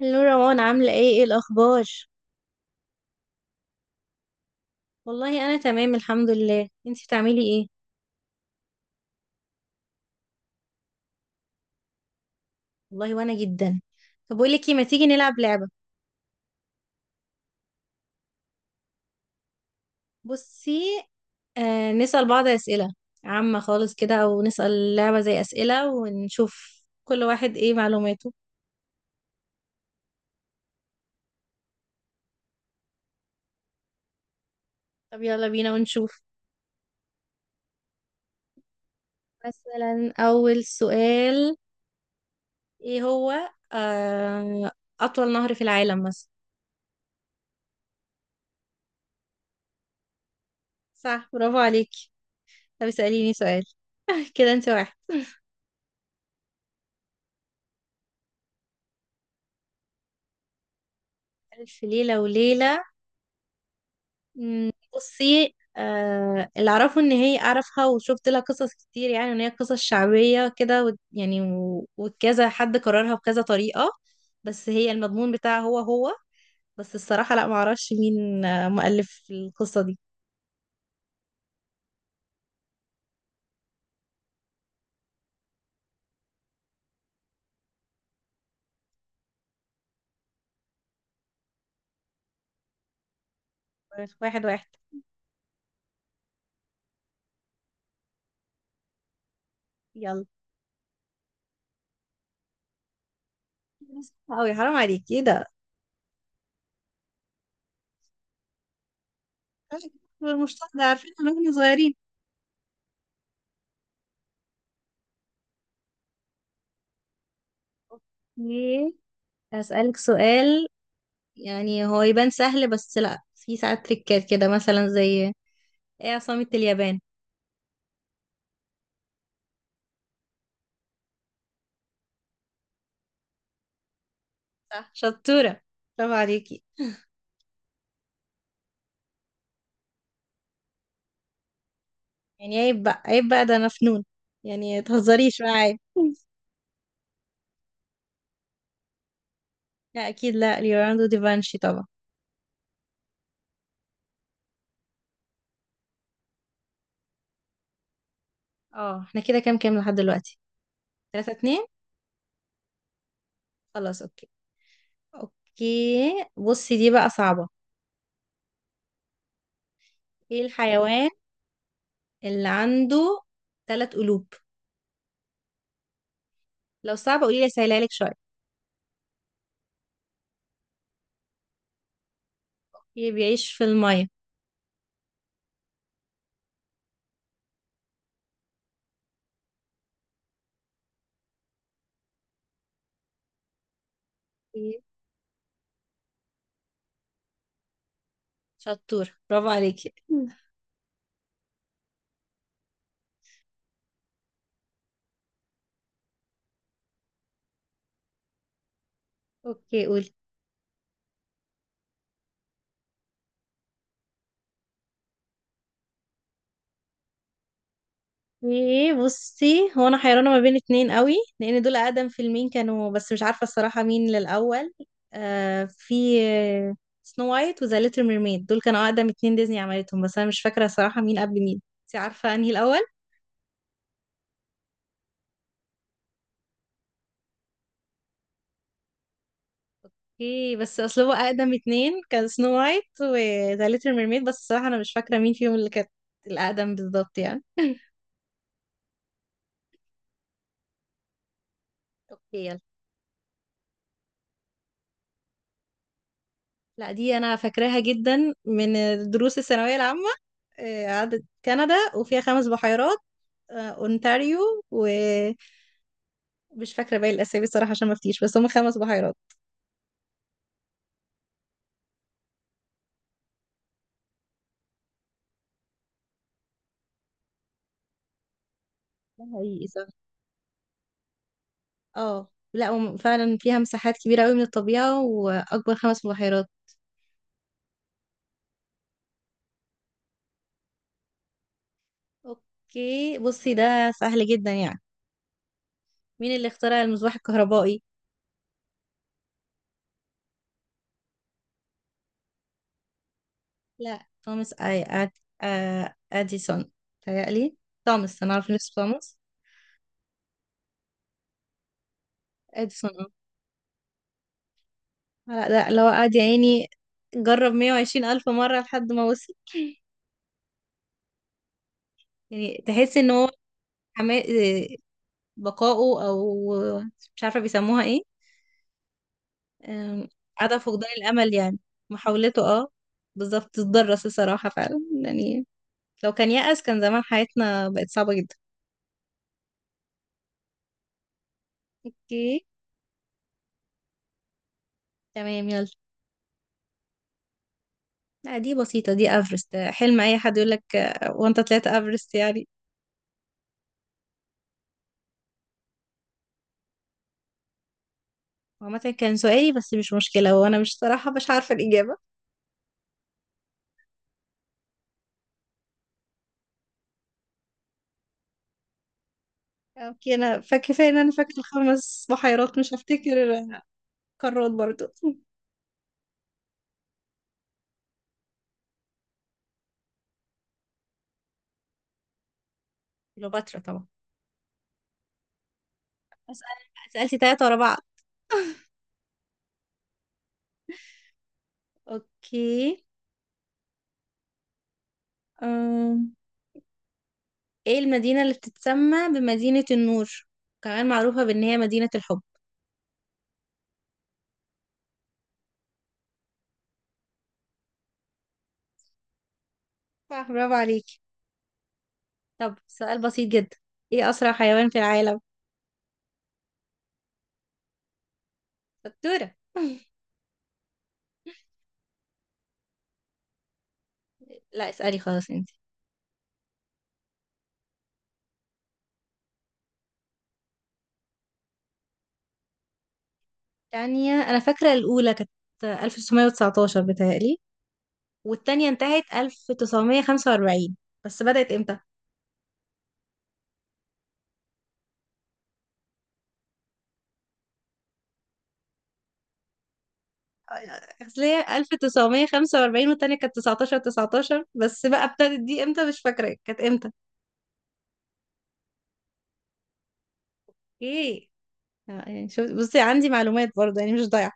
هلو روان عاملة ايه الأخبار؟ والله أنا تمام الحمد لله انتي بتعملي ايه؟ والله وأنا جدا. طب بقولك ايه، ما تيجي نلعب لعبة. بصي، نسأل بعض أسئلة عامة خالص كده، أو نسأل لعبة زي أسئلة ونشوف كل واحد ايه معلوماته. طب يلا بينا ونشوف. مثلا أول سؤال ايه هو، آه أطول نهر في العالم مثلا. صح، برافو عليكي. طب اسأليني سؤال كده انت واحد. ألف ليلة وليلة، بصي، اللي اعرفه ان هي اعرفها وشفت لها قصص كتير، يعني ان هي قصص شعبية كده وكذا حد كررها بكذا طريقة، بس هي المضمون بتاعها هو هو. بس الصراحة لا، معرفش مين مؤلف القصة دي. واحد واحد. يلا. اوي حرام عليكي، ايه ده؟ المشتاق ده عارفين من واحنا صغيرين. اوكي، هسألك سؤال يعني هو يبان سهل، بس لا، في ساعات تريكات كده مثلا، زي ايه عاصمة اليابان. صح، شطورة، برافو عليكي. يعني عيب بقى، عيب بقى، ده أنا فنون، يعني متهزريش معايا لا أكيد لا، ليوناردو دافنشي طبعا. اه احنا كده كام كام لحد دلوقتي؟ 3-2. خلاص اوكي. اوكي بصي، دي بقى صعبة. ايه الحيوان اللي عنده 3 قلوب؟ لو صعبة قولي لي، سهلها لك شوية. ايه بيعيش في المية. إيه؟ شطورة، برافو عليكي اوكي قولي. ايه بصي، هو انا حيرانه ما بين اتنين قوي لان دول اقدم فيلمين كانوا، بس مش عارفه الصراحه مين للاول. في سنو وايت وذا ليتل ميرميد، دول كانوا اقدم اتنين ديزني عملتهم، بس انا مش فاكره الصراحه مين قبل مين. انت عارفه انهي الاول؟ ايه، بس اصل هو اقدم اتنين كان سنو وايت وذا ليتل ميرميد، بس الصراحه انا مش فاكره مين فيهم اللي كانت الاقدم بالظبط يعني. اوكي يلا. لا دي انا فاكراها جدا من دروس الثانويه العامه. عدت كندا وفيها 5 بحيرات، اونتاريو، ومش فاكره باقي الاسامي الصراحه عشان ما افتيش، بس هم 5 بحيرات. ده حقيقي صح. اه لا هم فعلا فيها مساحات كبيره قوي من الطبيعه واكبر 5 بحيرات. اوكي بصي، ده سهل جدا يعني. مين اللي اخترع المصباح الكهربائي؟ لا توماس اي أد... آه، اديسون. تهيألي توماس، انا عارفه نفسي توماس اديسون. اه لا ده لو قعد يا عيني جرب 120 ألف مرة لحد ما وصل. يعني تحس ان هو حما- آه، بقاؤه، او مش عارفة بيسموها ايه، آم، عدم فقدان الامل يعني، محاولته اه. بالظبط تتدرس الصراحة فعلا يعني، لو كان يأس كان زمان حياتنا بقت صعبة جدا. اوكي. تمام يلا. لا دي بسيطة، دي افرست. حلم اي حد يقولك وانت طلعت افرست يعني. عامة كان سؤالي، بس مش مشكلة، وانا مش، صراحة مش عارفة الإجابة. اوكي انا فاكرة، ان انا فاكرة الـ5 بحيرات، مش هفتكر قارات برضو كليوباترا طبعا. أسأل- سألتي تلاتة ورا بعض. اوكي. أم. ايه المدينة اللي بتتسمى بمدينة النور، كمان معروفة بان هي مدينة الحب؟ صح، برافو عليكي. طب سؤال بسيط جدا، ايه اسرع حيوان في العالم؟ شطورة لا اسألي خلاص انت. تانية، انا فاكرة الاولى كانت 1919 بتهيألي، والتانية انتهت 1945، بس بدأت امتى؟ اصل هي 1945، والتانية كانت 19 19، بس بقى ابتدت دي امتى مش فاكرة كانت امتى. ايه، يعني شوف، بصي عندي معلومات برضه يعني، مش ضايعة.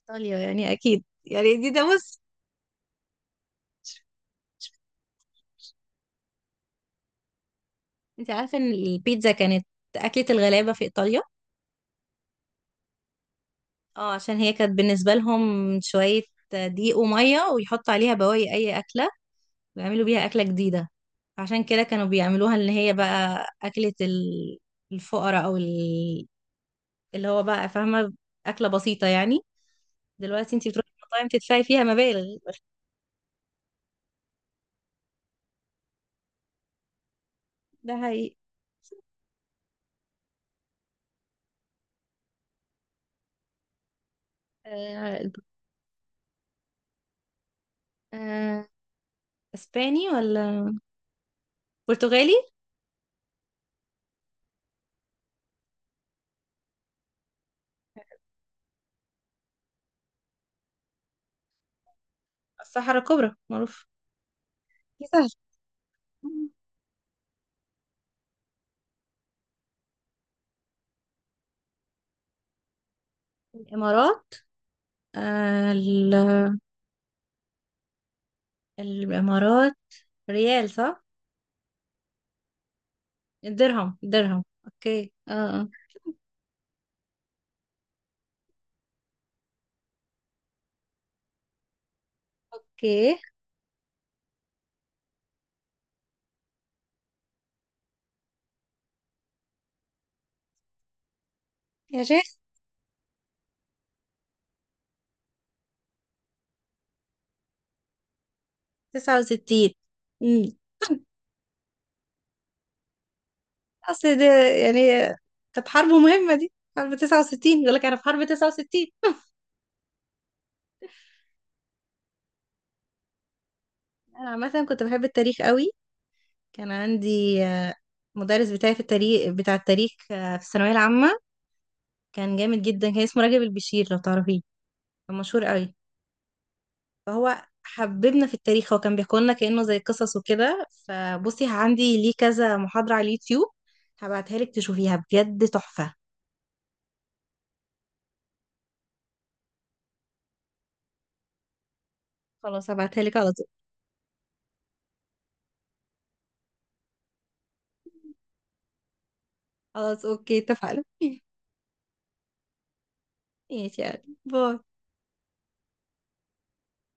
ايطاليا يعني اكيد يعني، دي ده بص. انت عارفة ان البيتزا كانت اكلة الغلابة في ايطاليا. اه عشان هي كانت بالنسبة لهم شوية دقيق ومية، ويحطوا عليها بواقي اي اكلة، ويعملوا بيها اكلة جديدة. عشان كده كانوا بيعملوها، ان هي بقى اكلة ال- الفقراء، او ال- اللي هو بقى فاهمة، اكلة بسيطة يعني. دلوقتي انت بتروحي المطاعم تدفعي فيها مبالغ. ده حقيقي. آه، اسباني ولا برتغالي. الصحراء الكبرى معروف. دي سهلة. الامارات، آه ال- الامارات، ريال صح؟ الدرهم، الدرهم، اوكي اه آه. اوكي. يا شيخ. 69. امم. اصل ده يعني، كانت حرب مهمة، دي حرب 69، يقول لك انا في حرب 69. انا عامة كنت بحب التاريخ قوي. كان عندي مدرس بتاعي في التاريخ بتاع التاريخ آه، في الثانوية العامة. كان جامد جدا، كان اسمه راجب البشير، لو تعرفيه، مشهور قوي. فهو حببنا في التاريخ، هو كان بيحكي لنا كأنه زي قصص وكده. فبصي، عندي ليه كذا محاضرة على اليوتيوب، هبعتها لك تشوفيها بجد تحفة. خلاص هبعتها لك على طول. خلاص اوكي، اتفقنا ماشي يعني، باي.